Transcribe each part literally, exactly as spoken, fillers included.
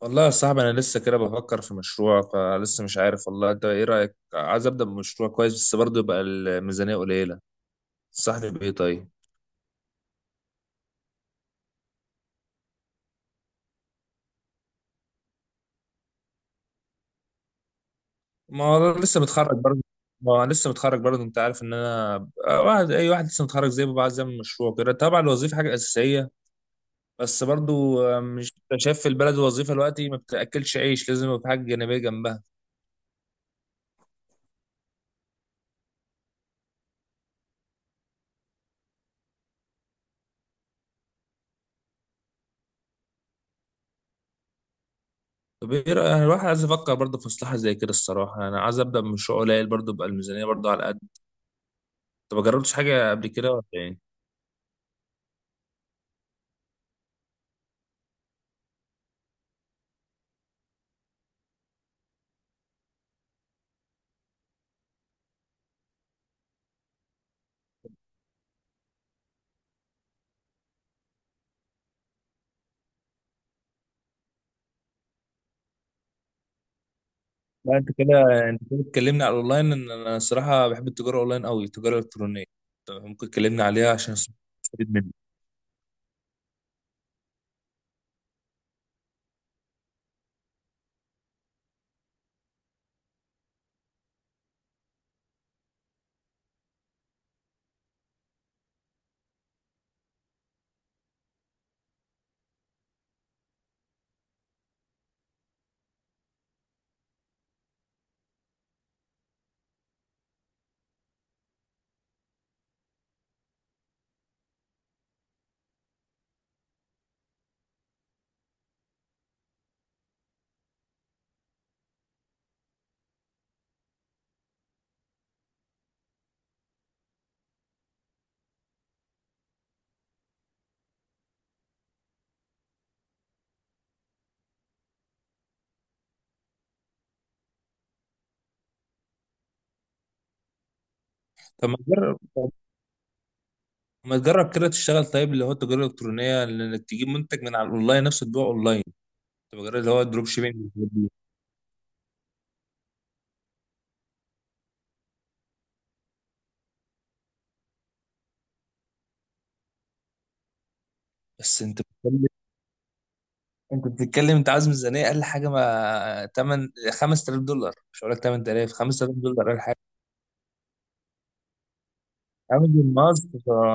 والله يا صاحبي، انا لسه كده بفكر في مشروع فلسه مش عارف والله. انت ايه رايك؟ عايز ابدا بمشروع كويس، بس برضه يبقى الميزانيه قليله. تنصحني بايه طيب؟ ما هو أنا لسه متخرج برضه. ما هو أنا لسه متخرج برضه انت عارف ان انا بقى واحد، اي واحد لسه متخرج زي ما بيبقى عايز يعمل مشروع كده. طبعا الوظيفه حاجه اساسيه بس برضه، مش أنت شايف في البلد الوظيفه دلوقتي ما بتاكلش عيش؟ لازم يبقى في حاجه جانبيه جنبها. طب ايه رايك؟ أنا الواحد عايز يفكر برضه في مصلحه زي كده. الصراحه انا عايز ابدا بمشروع قليل برضه، يبقى الميزانيه برضه على قد. طب ما جربتش حاجه قبل كده ولا ايه؟ لا، انت كده انت كده اتكلمنا على الاونلاين، ان انا الصراحه بحب التجاره اونلاين قوي، التجاره الالكترونيه. طب ممكن تكلمنا عليها عشان استفيد منك؟ طب ما تجرب طب ما تجرب كده، تشتغل طيب اللي هو التجاره الالكترونيه، انك تجيب منتج من على الاونلاين نفسه تبيعه اونلاين. تبقى جرب اللي هو الدروب شيبينج والحاجات دي. بس انت بتتكلم انت بتتكلم، انت عايز ميزانيه اقل حاجه، ما تمنية خمس تلاف دولار. مش هقول لك ثمانية آلاف، خمسة آلاف دولار اقل حاجه. امازون مصر.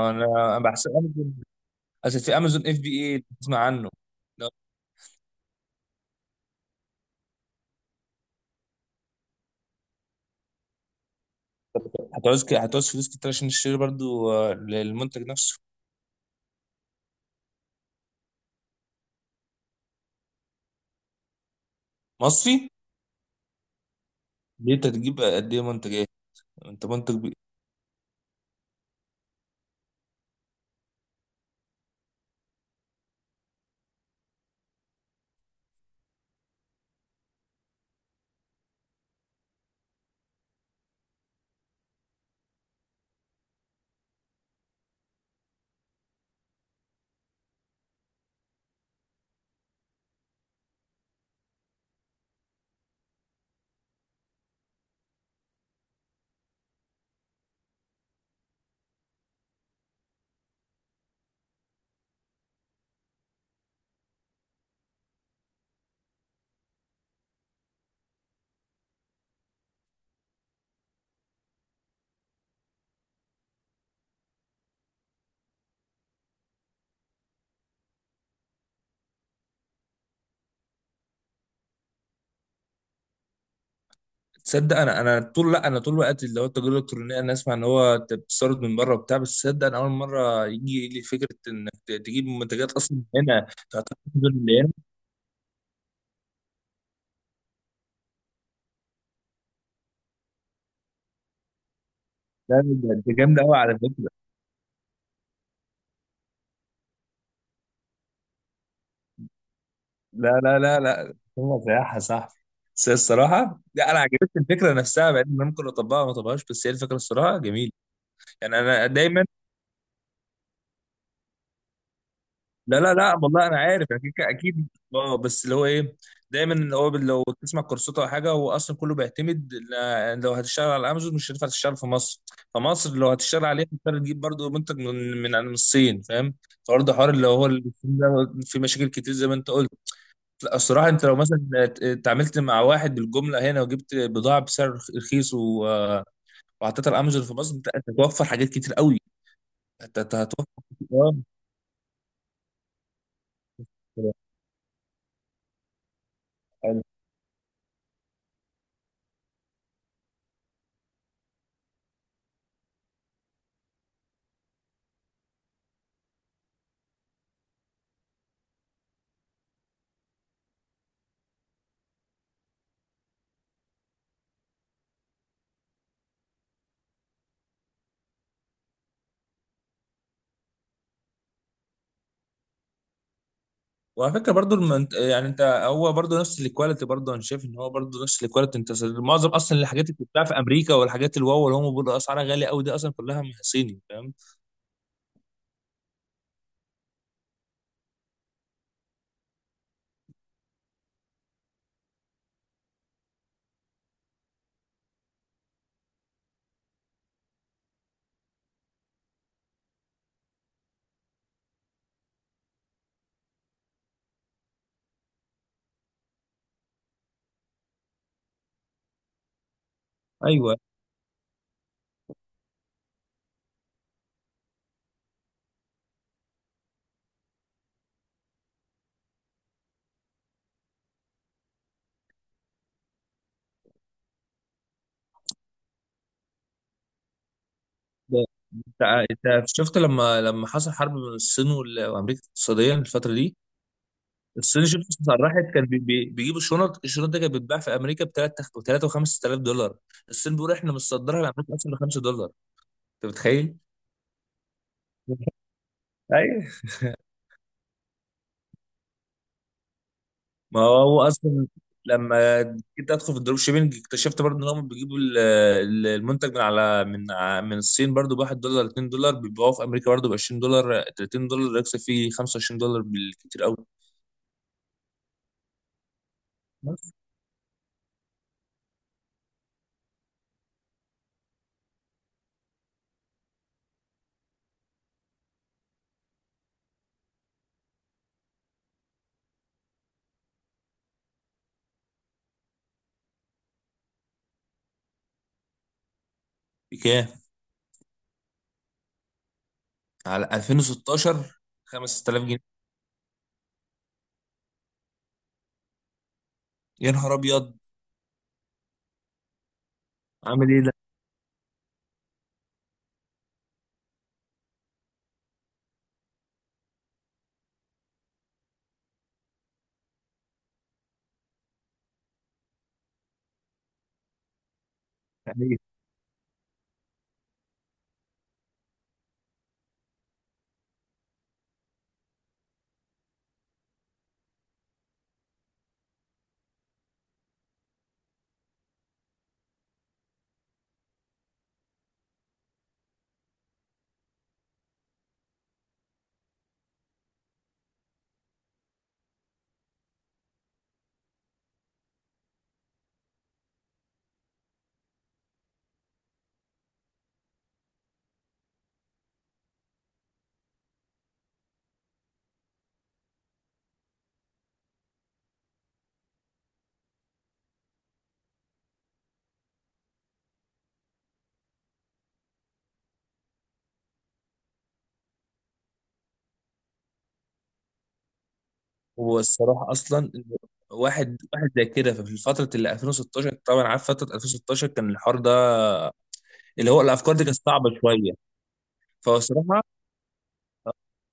انا بحسب امازون. اصل في امازون اف بي اي، تسمع عنه؟ هتعوز ك- هتعوز فلوس كتير عشان تشتري برضو آه، المنتج نفسه. مصري. دي انت تجيب قد ايه منتج ايه؟ انت منتج بي... تصدق انا، انا طول لا انا طول الوقت اللي هو التجاره الالكترونيه انا اسمع ان هو انت بتستورد من بره وبتاع. بس تصدق انا اول مره يجي لي فكره انك ت- تجيب منتجات اصلا هنا. تعتقد ان هي لا، ده انت جامده قوي على فكره. لا، لا، لا، لا، هو سياحه يا صاحبي. بس هي الصراحه، لا، انا عجبتني الفكره نفسها، بعدين انا ممكن اطبقها ما اطبقهاش، بس هي الفكره الصراحه جميله. يعني انا دايما، لا، لا، لا، والله انا عارف، اكيد اكيد. اه، بس اللي هو ايه، دايما اللي هو لو تسمع كورسات او حاجه، هو اصلا كله بيعتمد، ل- لو هتشتغل على امازون مش هتنفع تشتغل في مصر. فمصر لو هتشتغل عليها هتضطر تجيب برضه منتج من من من الصين، فاهم؟ فبرضه حوار اللي هو ال- ده، في مشاكل كتير زي ما انت قلت. لا، الصراحه انت لو مثلا ات- اتعاملت مع واحد بالجمله هنا، وجبت بضاعه بسعر رخ- رخيص، و- وحطيتها على امازون في مصر، انت هتوفر حاجات كتير قوي. هت- هت- هتوفر. اه. وعلى فكره برضو، المنت... يعني انت، هو برضو نفس الكواليتي، برضو انا شايف ان هو برضو نفس الكواليتي انت معظم اصلا الحاجات اللي بتتباع في امريكا والحاجات الواو اللي هم بيقولوا اسعارها غاليه قوي دي اصلا كلها من صيني، فاهم؟ ايوه، ده انت. انت شفت لما لما حصل حرب بين الصين وال- وامريكا اقتصاديا الفتره دي. الصين شفت اسعار راحت. كان بي... بي... بيجيبوا الشنط. الشنط دي كانت بتتباع في امريكا ب تلاتة و خمس تلاف دولار. الصين بيقول احنا متصدرها لامريكا اصلا ب خمسة دولار. انت متخيل؟ ايوه. ما هو اصلا لما جيت ادخل في الدروب شيبينج، اكتشفت برضه ان هم بيجيبوا ال- ال- المنتج من على من ع- من الصين برضه ب واحد دولار اتنين دولار، بيبيعوه في امريكا برضه ب عشرين دولار تلاتين دولار، يكسب فيه خمسة وعشرين دولار بالكتير قوي. بكام؟ على ألفين وستاشر. خمس تلاف جنيه. يا نهار ابيض. عامل ايه ده؟ يعني هو الصراحه اصلا، واحد واحد زي كده في فتره ال ألفين وستاشر، طبعا عارف فتره ألفين وستاشر كان الحوار ده اللي هو الافكار دي كانت صعبه شويه. فالصراحه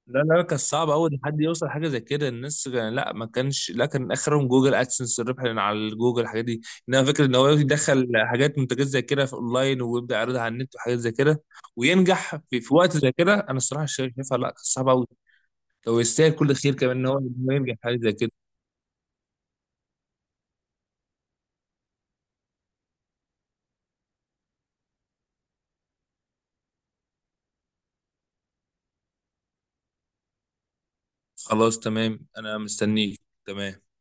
لا، لا، كان صعب أوي إن حد يوصل حاجة زي كده. الناس كان- لا، ما كانش، لا، كان آخرهم جوجل أدسنس، الربح اللي على الجوجل الحاجات دي. إنما فكرة إن هو يدخل حاجات منتجات زي كده في أونلاين ويبدأ يعرضها على النت وحاجات زي كده، وينجح في, في وقت زي كده، أنا الصراحة شايفها لا، كان صعب أوي. لو يستاهل كل خير كمان إن هو إن هو ينجح في حاجة زي كده. خلاص تمام، أنا مستنيك. تمام.